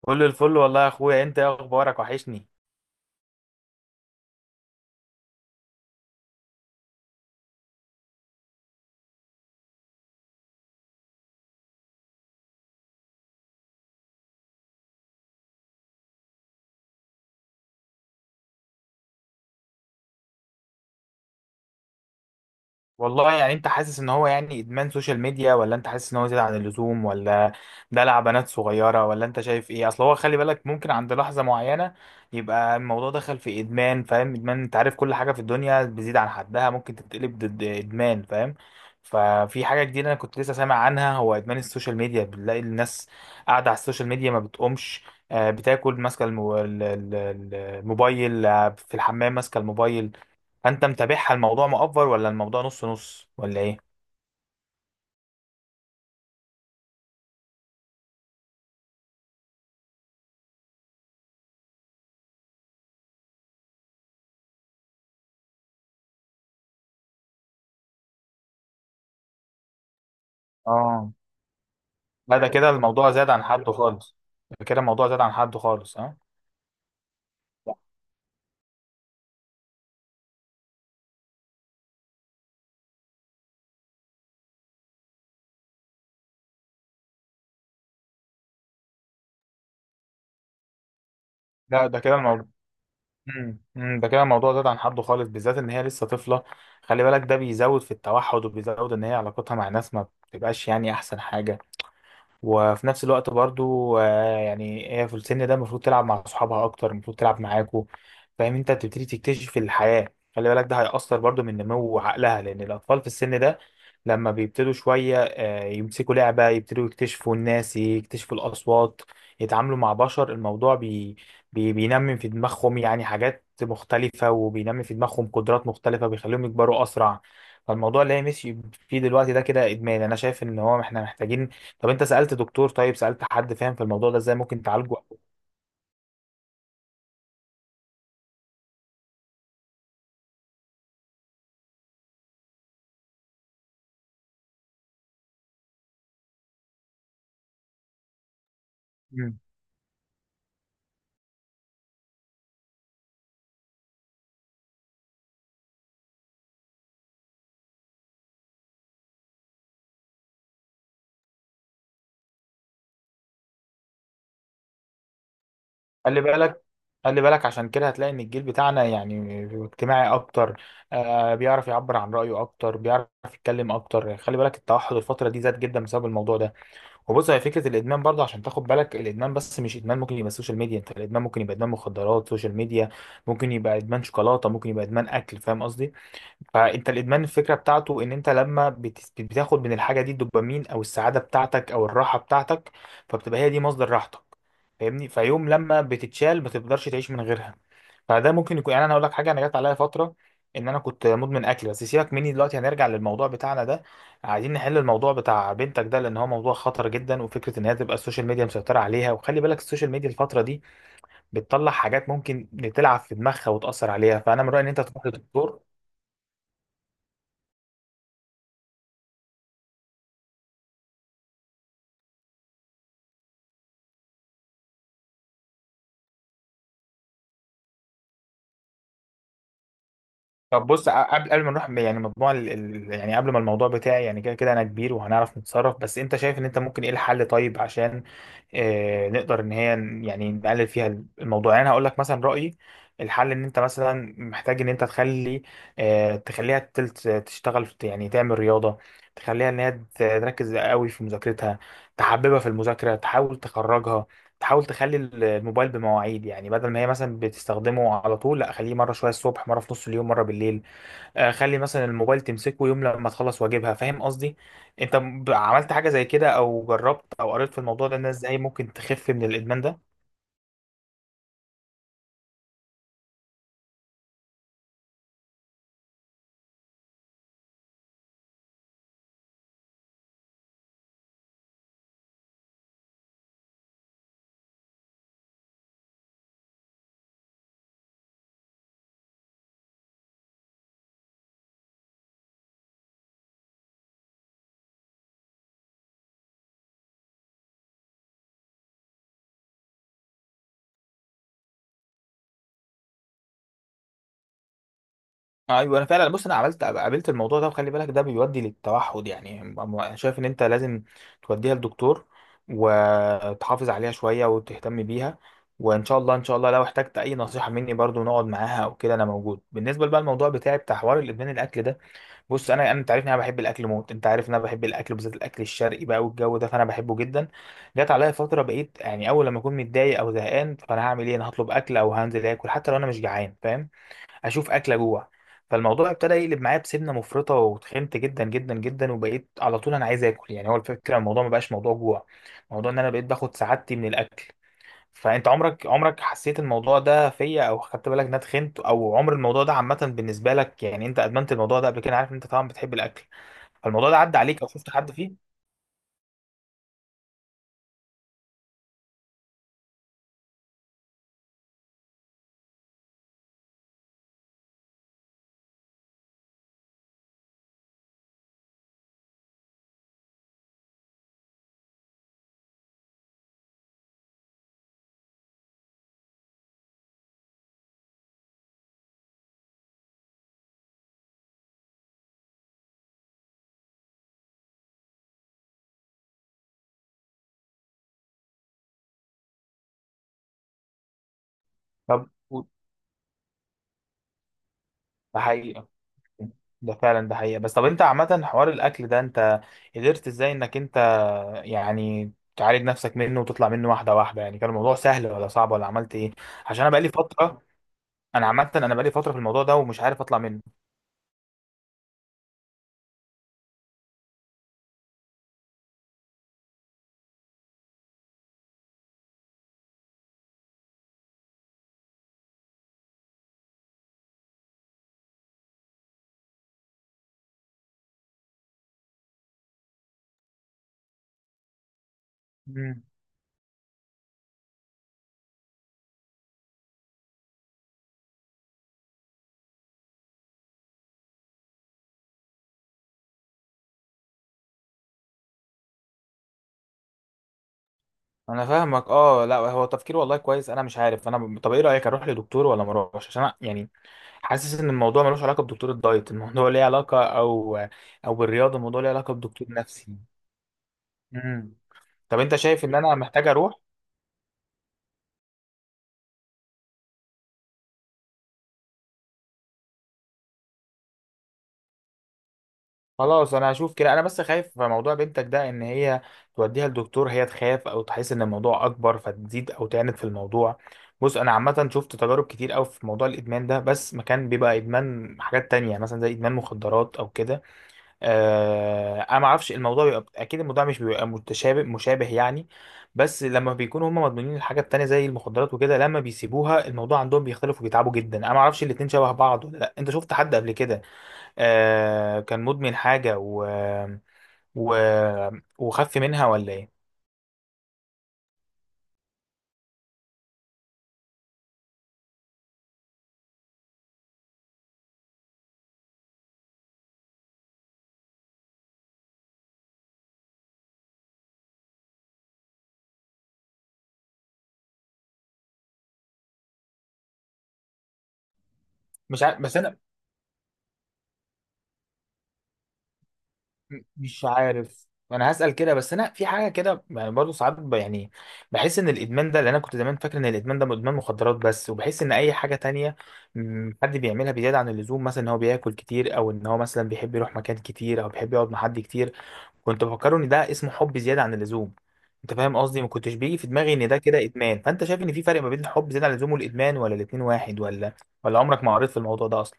كل الفل والله يا اخويا، انت ايه اخبارك؟ وحشني. والله يعني انت حاسس ان هو يعني ادمان سوشيال ميديا، ولا انت حاسس ان هو زيادة عن اللزوم، ولا دلع بنات صغيرة، ولا انت شايف ايه؟ اصل هو خلي بالك، ممكن عند لحظة معينة يبقى الموضوع دخل في ادمان، فاهم؟ ادمان. انت عارف كل حاجة في الدنيا بتزيد عن حدها ممكن تتقلب ضد. ادمان، فاهم؟ ففي حاجة جديدة انا كنت لسه سامع عنها، هو ادمان السوشيال ميديا. بنلاقي الناس قاعدة على السوشيال ميديا ما بتقومش. بتاكل ماسكة الموبايل، في الحمام ماسكة الموبايل. فانت متابعها؟ الموضوع مؤفر، ولا الموضوع نص نص، ولا ايه؟ اه لا ده لا كده الموضوع زاد عن حده خالص. ده كده الموضوع زاد عن حده خالص، ها؟ لا ده كده الموضوع مم. مم. ده كده الموضوع زاد عن حده خالص، بالذات ان هي لسه طفله. خلي بالك ده بيزود في التوحد، وبيزود ان هي علاقتها مع ناس ما بتبقاش يعني احسن حاجه. وفي نفس الوقت برضو يعني هي في السن ده المفروض تلعب مع صحابها اكتر، المفروض تلعب معاكوا، فاهم؟ انت بتبتدي تكتشف الحياة. خلي بالك ده هيأثر برضو من نمو عقلها، لان الاطفال في السن ده لما بيبتدوا شوية يمسكوا لعبة، يبتدوا يكتشفوا الناس، يكتشفوا الاصوات، يتعاملوا مع بشر. الموضوع بي بي بينمي في دماغهم يعني حاجات مختلفة، وبينمي في دماغهم قدرات مختلفة، بيخليهم يكبروا اسرع. فالموضوع اللي هي ماشي فيه دلوقتي ده كده ادمان. انا شايف ان هو احنا محتاجين. طب انت سألت دكتور؟ طيب سألت حد فاهم في الموضوع ده ازاي ممكن تعالجه؟ مم. خلي بالك، عشان كده هتلاقي ان الجيل بتاعنا يعني اجتماعي اكتر، بيعرف يعبر عن رأيه اكتر، بيعرف يتكلم اكتر. خلي بالك التوحد الفترة دي زاد جدا بسبب الموضوع ده. وبص، هي فكرة الادمان برضه عشان تاخد بالك، الادمان بس مش ادمان ممكن يبقى السوشيال ميديا انت، الادمان ممكن يبقى ادمان مخدرات، سوشيال ميديا، ممكن يبقى ادمان شوكولاتة، ممكن يبقى ادمان اكل، فاهم قصدي؟ فانت الادمان الفكره بتاعته ان انت لما بتاخد من الحاجه دي الدوبامين او السعاده بتاعتك او الراحه بتاعتك، فبتبقى هي دي مصدر راحتك، فاهمني؟ فيوم لما بتتشال ما تقدرش تعيش من غيرها. فده ممكن يكون، يعني انا اقول لك حاجه، انا جت عليا فتره ان انا كنت مدمن اكل، بس سيبك مني دلوقتي، هنرجع للموضوع بتاعنا ده. عايزين نحل الموضوع بتاع بنتك ده، لان هو موضوع خطر جدا. وفكره ان هي تبقى السوشيال ميديا مسيطره عليها، وخلي بالك السوشيال ميديا الفتره دي بتطلع حاجات ممكن تلعب في دماغها وتاثر عليها. فانا من رايي ان انت تروح للدكتور. طب بص، قبل ما نروح يعني مجموع يعني قبل ما الموضوع بتاعي، يعني كده كده انا كبير وهنعرف نتصرف. بس انت شايف ان انت ممكن ايه الحل طيب، عشان نقدر ان هي يعني نقلل فيها الموضوع؟ يعني انا هقول لك مثلا رأيي، الحل ان انت مثلا محتاج ان انت تخلي تخليها تلت تشتغل يعني تعمل رياضة. تخليها ان هي تركز قوي في مذاكرتها، تحببها في المذاكرة، تحاول تخرجها. تحاول تخلي الموبايل بمواعيد، يعني بدل ما هي مثلا بتستخدمه على طول، لا، خليه مره شويه الصبح، مره في نص اليوم، مره بالليل. خلي مثلا الموبايل تمسكه يوم لما تخلص واجبها، فاهم قصدي؟ انت عملت حاجه زي كده، او جربت، او قريت في الموضوع ده الناس ازاي ممكن تخف من الادمان ده؟ ايوه، انا فعلا بص، انا عملت قابلت الموضوع ده، وخلي بالك ده بيودي للتوحد، يعني أنا شايف ان انت لازم توديها للدكتور، وتحافظ عليها شويه وتهتم بيها. وان شاء الله، ان شاء الله لو احتجت اي نصيحه مني برضو، نقعد معاها او كده، انا موجود. بالنسبه بقى الموضوع بتاعي بتاع حوار الادمان الاكل ده، بص، انا انا انت عارف ان انا بحب الاكل موت، انت عارف ان انا بحب الاكل بالذات الاكل الشرقي بقى والجو ده، فانا بحبه جدا. جت عليا فتره بقيت يعني، اول لما اكون متضايق او زهقان فانا هعمل ايه؟ انا هطلب اكل او هنزل اكل حتى لو انا مش جعان، فاهم؟ هشوف اكل اجوع. فالموضوع ابتدى يقلب معايا بسمنه مفرطه، وتخنت جدا جدا جدا، وبقيت على طول انا عايز اكل. يعني هو الفكره الموضوع ما بقاش موضوع جوع، الموضوع ان انا بقيت باخد سعادتي من الاكل. فانت عمرك حسيت الموضوع ده فيا، او خدت بالك ان انا اتخنت؟ او عمر الموضوع ده عامه بالنسبه لك، يعني انت ادمنت الموضوع ده قبل كده؟ عارف إن انت طبعا بتحب الاكل، فالموضوع ده عدى عليك، او شفت حد فيه؟ طب ده حقيقه، ده فعلا ده حقيقه. بس طب انت عامه حوار الاكل ده انت قدرت ازاي انك انت يعني تعالج نفسك منه وتطلع منه واحده واحده؟ يعني كان الموضوع سهل، ولا صعب، ولا عملت ايه؟ عشان انا بقالي فتره، انا عامه انا بقالي فتره في الموضوع ده ومش عارف اطلع منه. مم. انا فاهمك. اه لا هو تفكير والله كويس، انا مش عارف، انا طب ايه رايك، اروح لدكتور ولا ما اروحش؟ عشان أنا يعني حاسس ان الموضوع ملوش علاقه بدكتور الدايت، الموضوع ليه علاقه، او او بالرياضه، الموضوع ليه علاقه بدكتور نفسي. مم. طب انت شايف ان انا محتاج اروح؟ خلاص انا هشوف كده. انا بس خايف في موضوع بنتك ده، ان هي توديها لدكتور هي تخاف، او تحس ان الموضوع اكبر فتزيد، او تعند في الموضوع. بص انا عامه شفت تجارب كتير قوي في موضوع الادمان ده، بس ما كان بيبقى ادمان حاجات تانية، يعني مثلا زي ادمان مخدرات او كده. انا ما اعرفش الموضوع بيبقى، اكيد الموضوع مش بيبقى متشابه مشابه يعني، بس لما بيكونوا هم مدمنين الحاجه التانية زي المخدرات وكده، لما بيسيبوها الموضوع عندهم بيختلف وبيتعبوا جدا. انا ما اعرفش الاتنين شبه بعض ولا لا. انت شفت حد قبل كده كان مدمن حاجة و... وخف منها، ولا ايه؟ مش عارف، بس انا مش عارف، انا هسأل كده. بس انا في حاجة كده يعني برضه ساعات يعني بحس ان الادمان ده، لان انا كنت زمان فاكر ان الادمان ده ادمان مخدرات بس، وبحس ان اي حاجة تانية حد بيعملها بزيادة عن اللزوم، مثلا ان هو بياكل كتير، او ان هو مثلا بيحب يروح مكان كتير، او بيحب يقعد مع حد كتير. كنت بفكره ان ده اسمه حب زياده عن اللزوم، انت فاهم قصدي؟ ما كنتش بيجي في دماغي ان ده كده ادمان. فانت شايف ان في فرق ما بين الحب زياده عن اللزوم والادمان، ولا الاتنين واحد، ولا ولا عمرك ما قريت في الموضوع ده اصلا؟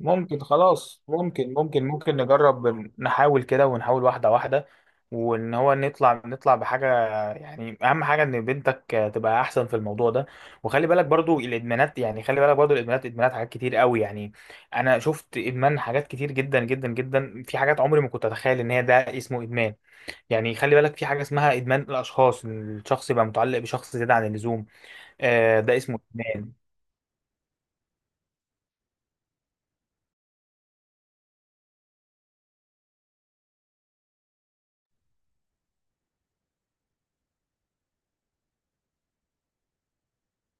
ممكن، خلاص ممكن نجرب، نحاول كده ونحاول واحدة واحدة، وان هو نطلع، نطلع بحاجة. يعني اهم حاجة ان بنتك تبقى احسن في الموضوع ده. وخلي بالك برضو الادمانات، يعني خلي بالك برضو الادمانات ادمانات حاجات كتير قوي يعني. انا شفت ادمان حاجات كتير جدا جدا جدا، في حاجات عمري ما كنت اتخيل ان هي ده اسمه ادمان. يعني خلي بالك في حاجة اسمها ادمان الاشخاص، إن الشخص يبقى متعلق بشخص زيادة عن اللزوم، ده اسمه ادمان.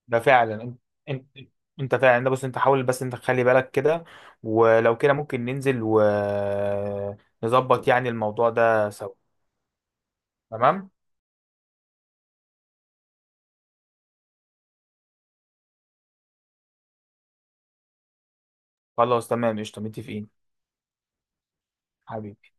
ده فعلا انت، انت فعلا ده. بص انت حاول بس انت تخلي بالك كده، ولو كده ممكن ننزل ونظبط يعني الموضوع ده سوا. تمام. خلاص تمام، قشطة، متفقين. حبيبي.